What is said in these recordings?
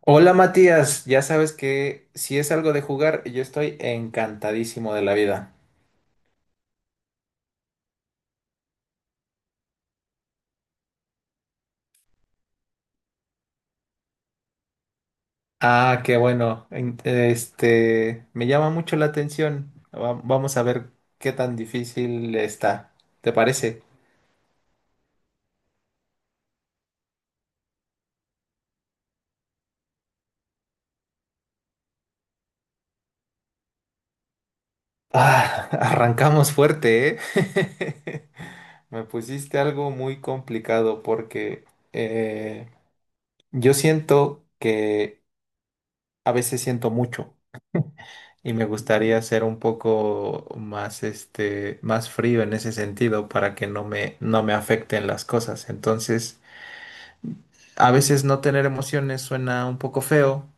Hola Matías, ya sabes que si es algo de jugar, yo estoy encantadísimo de la vida. Ah, qué bueno. Este, me llama mucho la atención. Vamos a ver qué tan difícil está. ¿Te parece? Ah, arrancamos fuerte, ¿eh? Me pusiste algo muy complicado porque eh, yo siento que a veces siento mucho. Y me gustaría ser un poco más, este, más frío en ese sentido para que no me afecten las cosas. Entonces, a veces no tener emociones suena un poco feo,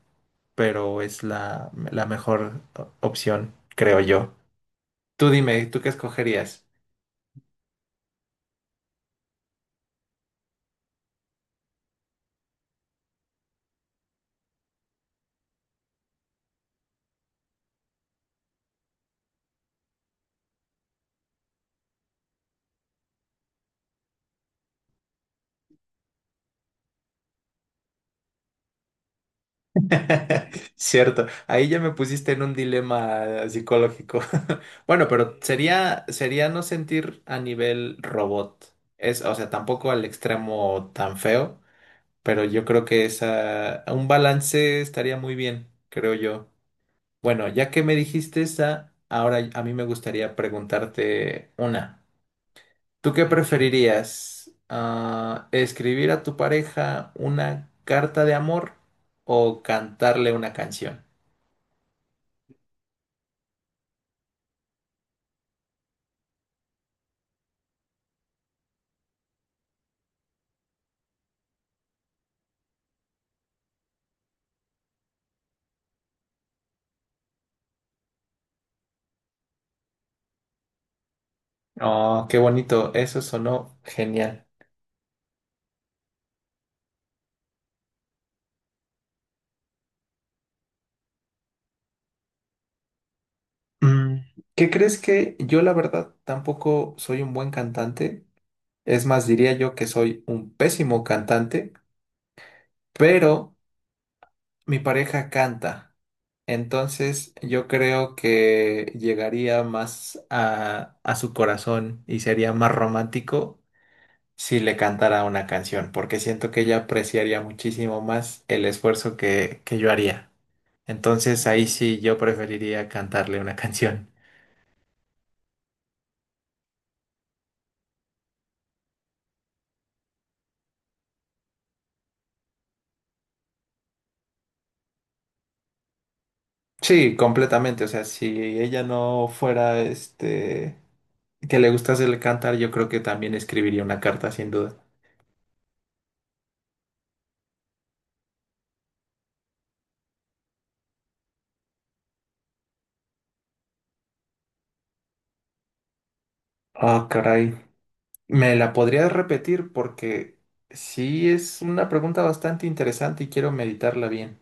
pero es la mejor opción, creo yo. Tú dime, ¿tú qué escogerías? Cierto, ahí ya me pusiste en un dilema psicológico. Bueno, pero sería no sentir a nivel robot. Es, o sea, tampoco al extremo tan feo, pero yo creo que esa, un balance estaría muy bien, creo yo. Bueno, ya que me dijiste esa, ahora a mí me gustaría preguntarte una. ¿Tú qué preferirías? Ah, ¿escribir a tu pareja una carta de amor o cantarle una canción? Oh, qué bonito, eso sonó genial. Mm, ¿qué crees? Que yo la verdad tampoco soy un buen cantante. Es más, diría yo que soy un pésimo cantante, pero mi pareja canta, entonces yo creo que llegaría más a su corazón y sería más romántico si le cantara una canción, porque siento que ella apreciaría muchísimo más el esfuerzo que yo haría. Entonces ahí sí yo preferiría cantarle una canción. Sí, completamente. O sea, si ella no fuera este que le gustase el cantar, yo creo que también escribiría una carta sin duda. Ah, caray. Me la podrías repetir porque sí es una pregunta bastante interesante y quiero meditarla bien.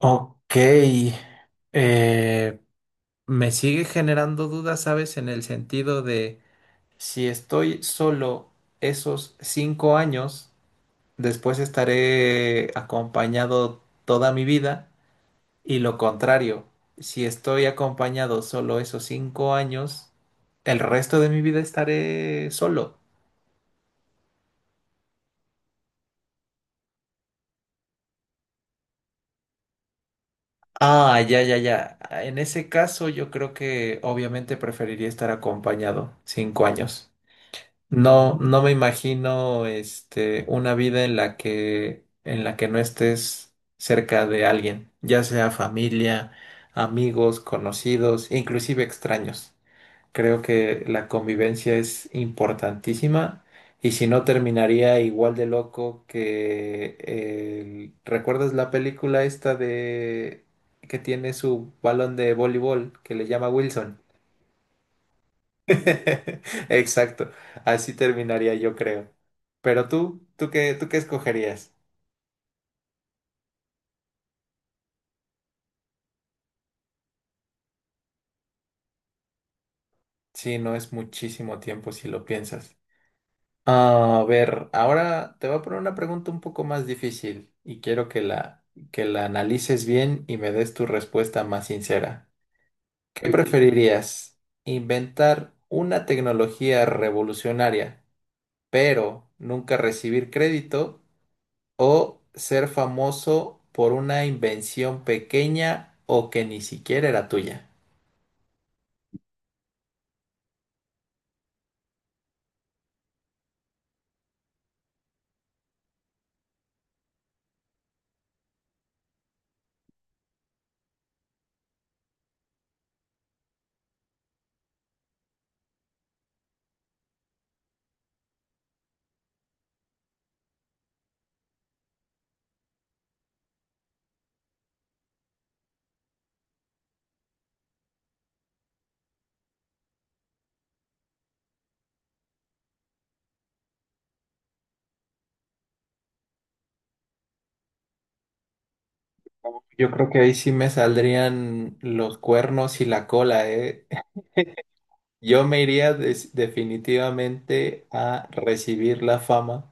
Ok. eh, Me sigue generando dudas, ¿sabes? En el sentido de si estoy solo esos 5 años, después estaré acompañado toda mi vida. Y lo contrario, si estoy acompañado solo esos cinco años, el resto de mi vida estaré solo. Ah, ya, ya, ya. En ese caso, yo creo que obviamente preferiría estar acompañado 5 años. No, no me imagino, este, una vida en la que no estés cerca de alguien, ya sea familia, amigos, conocidos, inclusive extraños. Creo que la convivencia es importantísima y si no, terminaría igual de loco que ¿recuerdas la película esta de que tiene su balón de voleibol que le llama Wilson? Exacto, así terminaría yo creo. Pero tú, ¿tú qué escogerías? Sí, no es muchísimo tiempo si lo piensas. A ver, ahora te voy a poner una pregunta un poco más difícil y quiero que que la analices bien y me des tu respuesta más sincera. ¿Qué Ok. preferirías? ¿Inventar una tecnología revolucionaria, pero nunca recibir crédito? ¿O ser famoso por una invención pequeña o que ni siquiera era tuya? Yo creo que ahí sí me saldrían los cuernos y la cola, ¿eh? Yo me iría definitivamente a recibir la fama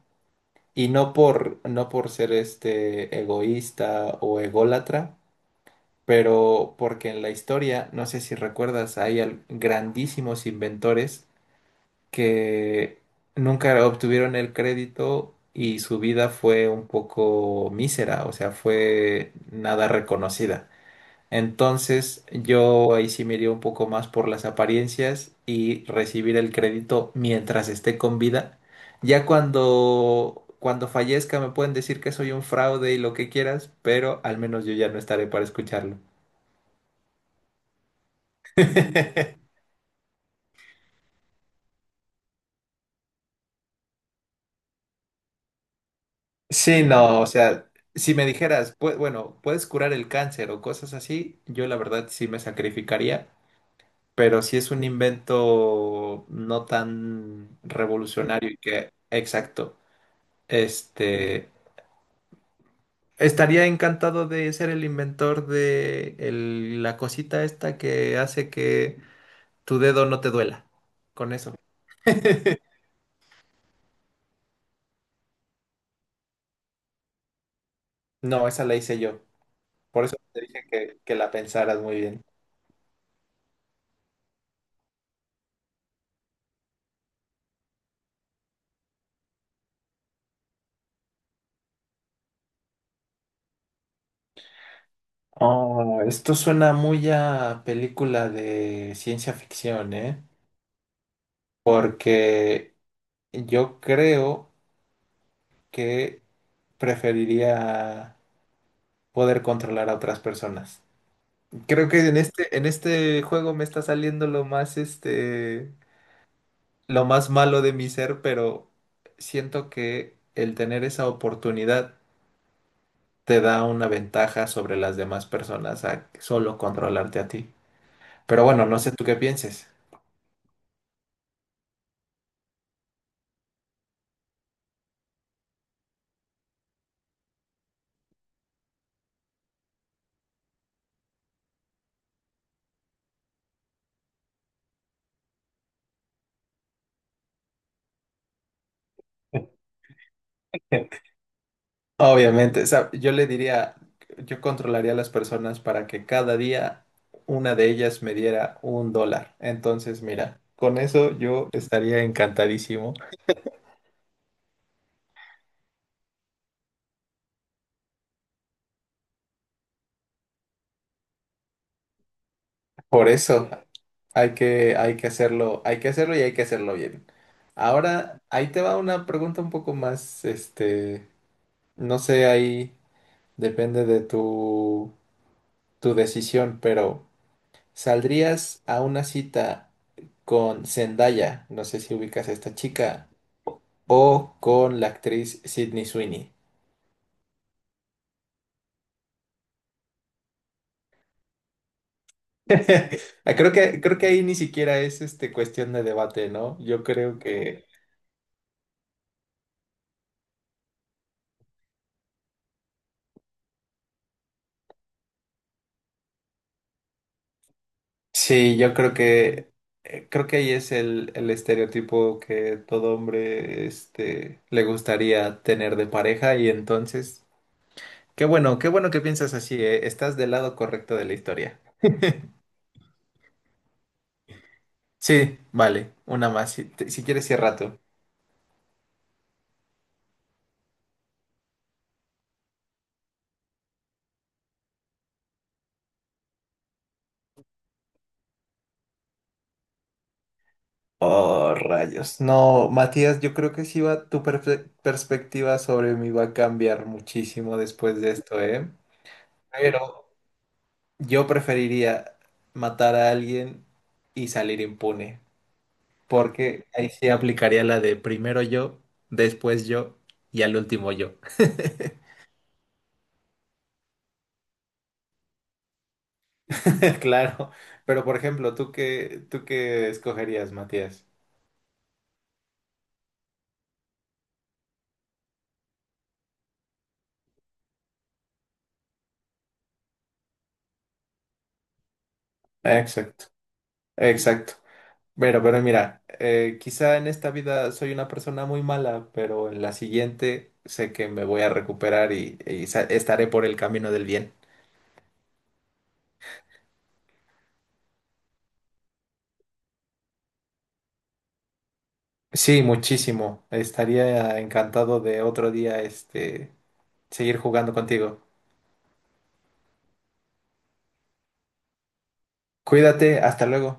y no por ser este egoísta o ególatra, pero porque en la historia, no sé si recuerdas, hay grandísimos inventores que nunca obtuvieron el crédito y su vida fue un poco mísera, o sea, fue nada reconocida. Entonces, yo ahí sí me iría un poco más por las apariencias y recibir el crédito mientras esté con vida. Ya cuando fallezca me pueden decir que soy un fraude y lo que quieras, pero al menos yo ya no estaré para escucharlo. Sí, no, o sea, si me dijeras: bueno, puedes curar el cáncer o cosas así", yo la verdad sí me sacrificaría, pero si es un invento no tan revolucionario exacto, este, estaría encantado de ser el inventor de la cosita esta que hace que tu dedo no te duela. Con eso. No, esa la hice yo. Por eso te dije que la pensaras muy bien. Oh, esto suena muy a película de ciencia ficción, ¿eh? Porque yo creo que preferiría poder controlar a otras personas. Creo que en este juego me está saliendo lo más este lo más malo de mi ser, pero siento que el tener esa oportunidad te da una ventaja sobre las demás personas a solo controlarte a ti. Pero bueno, no sé tú qué pienses. Obviamente, o sea, yo le diría, yo controlaría a las personas para que cada día una de ellas me diera un dólar. Entonces, mira, con eso yo estaría encantadísimo. Por eso. Hay hay que hacerlo y hay que hacerlo bien. Ahora, ahí te va una pregunta un poco más, este, no sé, ahí depende de tu decisión, pero ¿saldrías a una cita con Zendaya? No sé si ubicas a esta chica, o con la actriz Sydney Sweeney. Creo que ahí ni siquiera es este cuestión de debate, ¿no? Yo creo que sí, yo creo que ahí es el estereotipo que todo hombre este, le gustaría tener de pareja y entonces, qué bueno que piensas así, estás del lado correcto de la historia. Sí, vale, una más, si, si quieres cierra tú. Oh, rayos. No, Matías, yo creo que sí va, tu perspectiva sobre mí va a cambiar muchísimo después de esto, ¿eh? Pero yo preferiría matar a alguien y salir impune, porque ahí sí aplicaría la de primero yo, después yo y al último yo. Claro, pero por ejemplo, ¿tú qué escogerías, Matías? Exacto, exacto. Pero mira, quizá en esta vida soy una persona muy mala, pero en la siguiente sé que me voy a recuperar y estaré por el camino del bien. Sí, muchísimo. Estaría encantado de otro día, este, seguir jugando contigo. Cuídate, hasta luego.